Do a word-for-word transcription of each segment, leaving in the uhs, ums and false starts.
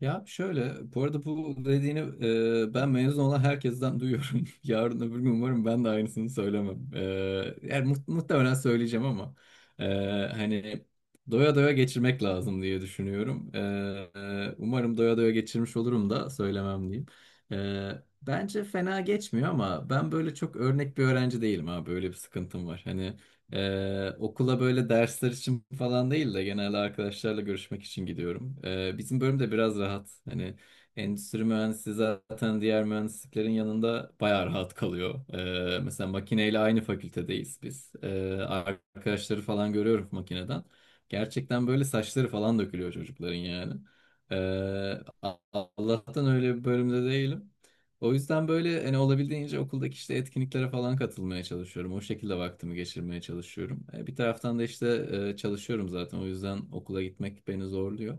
Ya şöyle, bu arada bu dediğini e, ben mezun olan herkesten duyuyorum. Yarın öbür gün umarım ben de aynısını söylemem. E, yani mu- muhtemelen söyleyeceğim ama e, hani doya doya geçirmek lazım diye düşünüyorum. E, e, umarım doya doya geçirmiş olurum da söylemem diyeyim. E, bence fena geçmiyor ama ben böyle çok örnek bir öğrenci değilim abi. Böyle bir sıkıntım var. Hani ee, okula böyle dersler için falan değil de genelde arkadaşlarla görüşmek için gidiyorum. Ee, bizim bölüm de biraz rahat. Hani endüstri mühendisliği zaten diğer mühendisliklerin yanında bayağı rahat kalıyor. Ee, mesela makineyle aynı fakültedeyiz biz. Ee, arkadaşları falan görüyorum makineden. Gerçekten böyle saçları falan dökülüyor çocukların yani. Ee, Allah'tan öyle bir bölümde değilim. O yüzden böyle hani olabildiğince okuldaki işte etkinliklere falan katılmaya çalışıyorum. O şekilde vaktimi geçirmeye çalışıyorum. E, bir taraftan da işte e, çalışıyorum zaten. O yüzden okula gitmek beni zorluyor.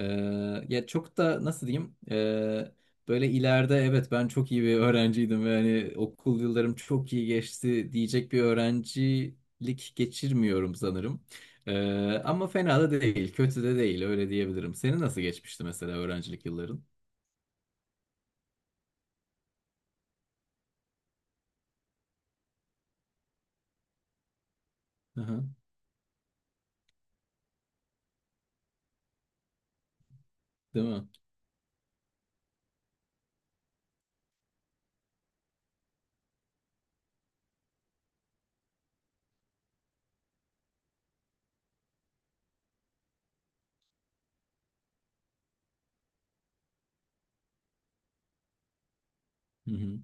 E, ya çok da nasıl diyeyim? E, böyle ileride evet ben çok iyi bir öğrenciydim ve hani okul yıllarım çok iyi geçti diyecek bir öğrencilik geçirmiyorum sanırım. E, ama fena da değil, kötü de değil öyle diyebilirim. Senin nasıl geçmişti mesela öğrencilik yılların? Aha, değil mi? Hı hı.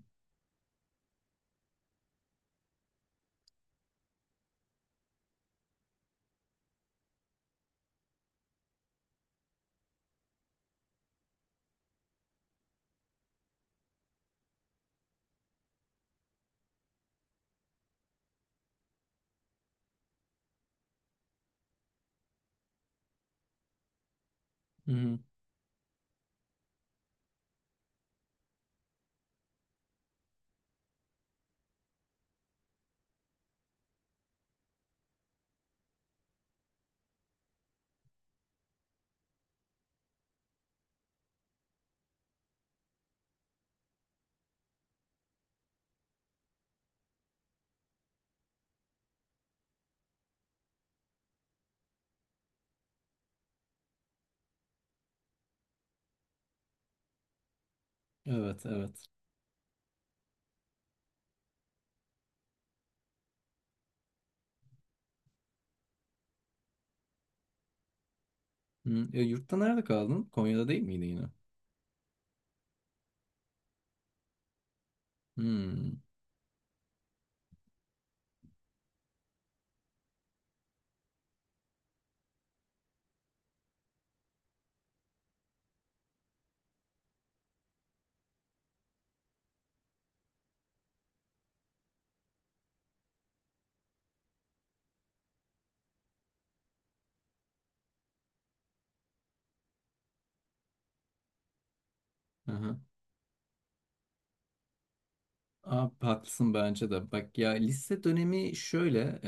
Hı hı. Evet, evet. Hmm. E, yurtta nerede kaldın? Konya'da değil miydi yine? Hmm. Aha. Abi haklısın bence de. Bak ya lise dönemi şöyle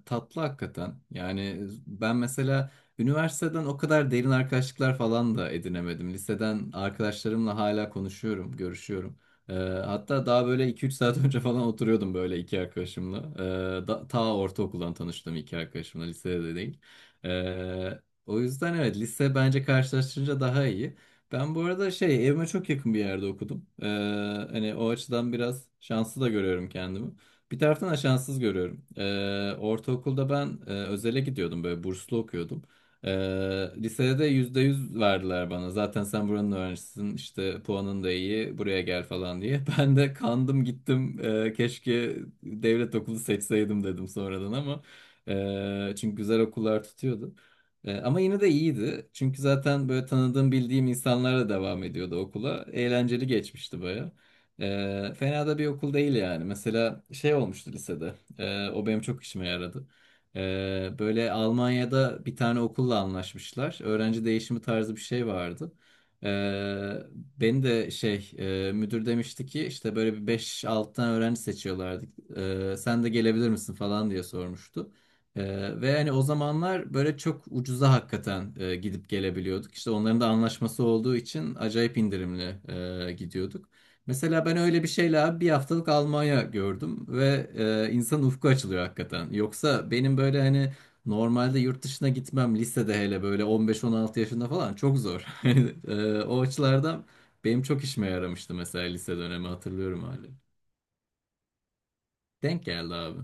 e, tatlı hakikaten. Yani ben mesela üniversiteden o kadar derin arkadaşlıklar falan da edinemedim. Liseden arkadaşlarımla hala konuşuyorum, görüşüyorum. E, hatta daha böyle iki üç saat önce falan oturuyordum böyle iki arkadaşımla. E, da, ta ortaokuldan tanıştığım iki arkadaşımla, lisede de değil. E, o yüzden evet lise bence karşılaştırınca daha iyi. Ben bu arada şey evime çok yakın bir yerde okudum. Ee, hani o açıdan biraz şanslı da görüyorum kendimi. Bir taraftan da şanssız görüyorum. Ee, ortaokulda ben e, özele gidiyordum böyle burslu okuyordum. Ee, lisede de yüzde yüz verdiler bana. Zaten sen buranın öğrencisisin işte puanın da iyi buraya gel falan diye. Ben de kandım gittim. Ee, keşke devlet okulu seçseydim dedim sonradan ama. ee, çünkü güzel okullar tutuyordu. Ee, ama yine de iyiydi. Çünkü zaten böyle tanıdığım bildiğim insanlarla devam ediyordu okula. Eğlenceli geçmişti baya. Ee, fena da bir okul değil yani. Mesela şey olmuştu lisede. Ee, o benim çok işime yaradı. Ee, böyle Almanya'da bir tane okulla anlaşmışlar. Öğrenci değişimi tarzı bir şey vardı. Ee, beni de şey e, müdür demişti ki işte böyle bir beş altı tane öğrenci seçiyorlardı. Ee, sen de gelebilir misin falan diye sormuştu. Ee, ve hani o zamanlar böyle çok ucuza hakikaten e, gidip gelebiliyorduk. İşte onların da anlaşması olduğu için acayip indirimli e, gidiyorduk. Mesela ben öyle bir şeyle abi bir haftalık Almanya gördüm ve e, insan ufku açılıyor hakikaten. Yoksa benim böyle hani normalde yurt dışına gitmem lisede hele böyle on beş on altı yaşında falan çok zor. Hani, e, o açılardan benim çok işime yaramıştı mesela lise dönemi hatırlıyorum hala. Denk geldi abi.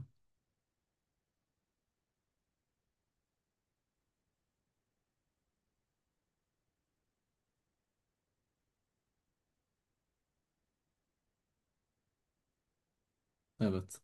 Evet.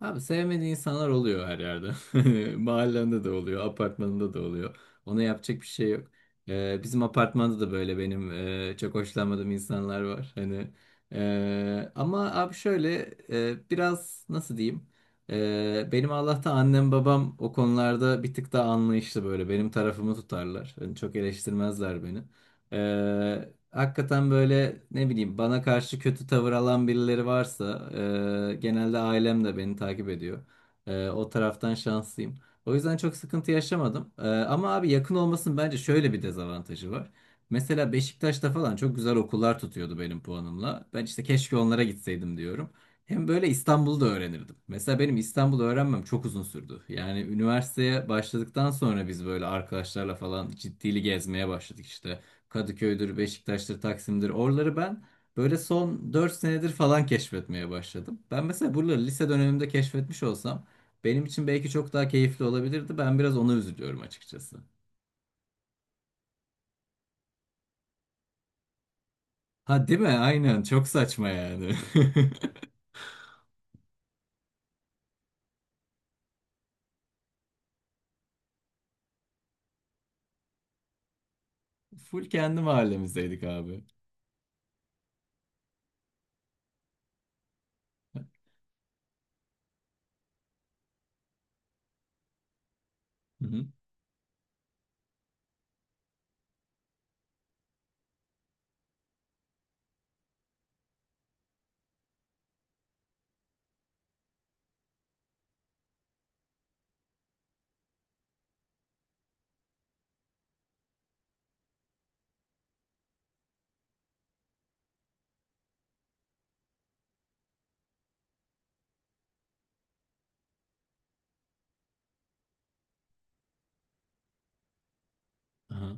Abi sevmediği insanlar oluyor her yerde. Hani mahallende de oluyor, apartmanında da oluyor. Ona yapacak bir şey yok. Ee, bizim apartmanda da böyle benim e, çok hoşlanmadığım insanlar var. Hani e, ama abi şöyle e, biraz nasıl diyeyim? E, benim Allah'tan annem babam o konularda bir tık daha anlayışlı böyle. Benim tarafımı tutarlar. Hani çok eleştirmezler beni. Ee, hakikaten böyle ne bileyim bana karşı kötü tavır alan birileri varsa e, genelde ailem de beni takip ediyor. E, o taraftan şanslıyım. O yüzden çok sıkıntı yaşamadım. E, ama abi yakın olmasının bence şöyle bir dezavantajı var. Mesela Beşiktaş'ta falan çok güzel okullar tutuyordu benim puanımla. Ben işte keşke onlara gitseydim diyorum. Hem böyle İstanbul'u da öğrenirdim. Mesela benim İstanbul'u öğrenmem çok uzun sürdü. Yani üniversiteye başladıktan sonra biz böyle arkadaşlarla falan ciddili gezmeye başladık işte. Kadıköy'dür, Beşiktaş'tır, Taksim'dir. Oraları ben böyle son dört senedir falan keşfetmeye başladım. Ben mesela buraları lise dönemimde keşfetmiş olsam benim için belki çok daha keyifli olabilirdi. Ben biraz ona üzülüyorum açıkçası. Ha değil mi? Aynen. Çok saçma yani. Full kendi mahallemizdeydik abi. Hı hı. Aha.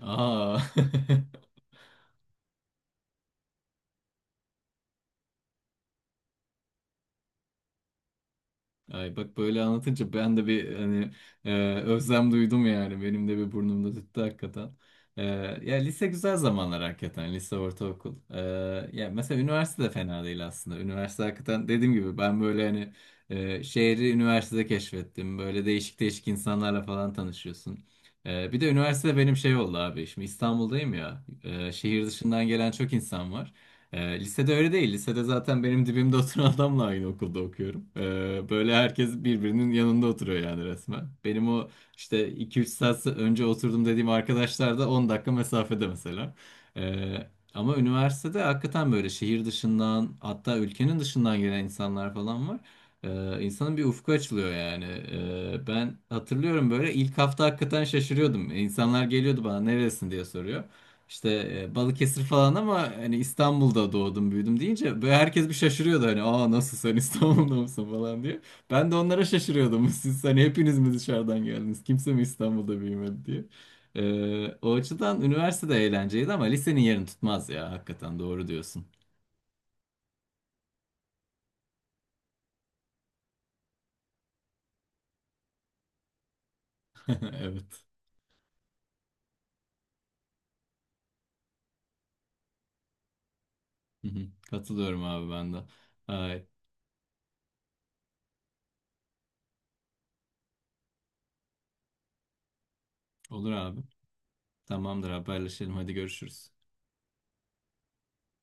Aa. Ay bak böyle anlatınca ben de bir hani e, özlem duydum yani. Benim de bir burnumda tüttü hakikaten. E, ya lise güzel zamanlar hakikaten. Lise, ortaokul. E, ya mesela üniversite de fena değil aslında. Üniversite hakikaten dediğim gibi ben böyle hani e, şehri üniversitede keşfettim. Böyle değişik değişik insanlarla falan tanışıyorsun. E, bir de üniversite benim şey oldu abi. Şimdi İstanbul'dayım ya. E, şehir dışından gelen çok insan var. Ee, lisede öyle değil. Lisede zaten benim dibimde oturan adamla aynı okulda okuyorum. Ee, böyle herkes birbirinin yanında oturuyor yani resmen. Benim o işte iki üç saat önce oturdum dediğim arkadaşlar da on dakika mesafede mesela. Ee, ama üniversitede hakikaten böyle şehir dışından hatta ülkenin dışından gelen insanlar falan var. Ee, insanın bir ufku açılıyor yani. Ee, ben hatırlıyorum böyle ilk hafta hakikaten şaşırıyordum. İnsanlar geliyordu bana neresin diye soruyor. İşte e, Balıkesir falan ama hani İstanbul'da doğdum büyüdüm deyince böyle herkes bir şaşırıyordu hani aa nasıl sen İstanbul'da mısın falan diye. Ben de onlara şaşırıyordum siz hani hepiniz mi dışarıdan geldiniz kimse mi İstanbul'da büyümedi diye. E, o açıdan üniversitede eğlenceliydi ama lisenin yerini tutmaz ya hakikaten doğru diyorsun. Evet. Hı hı. Katılıyorum abi ben de. Ay, olur abi. Tamamdır, haberleşelim, hadi görüşürüz.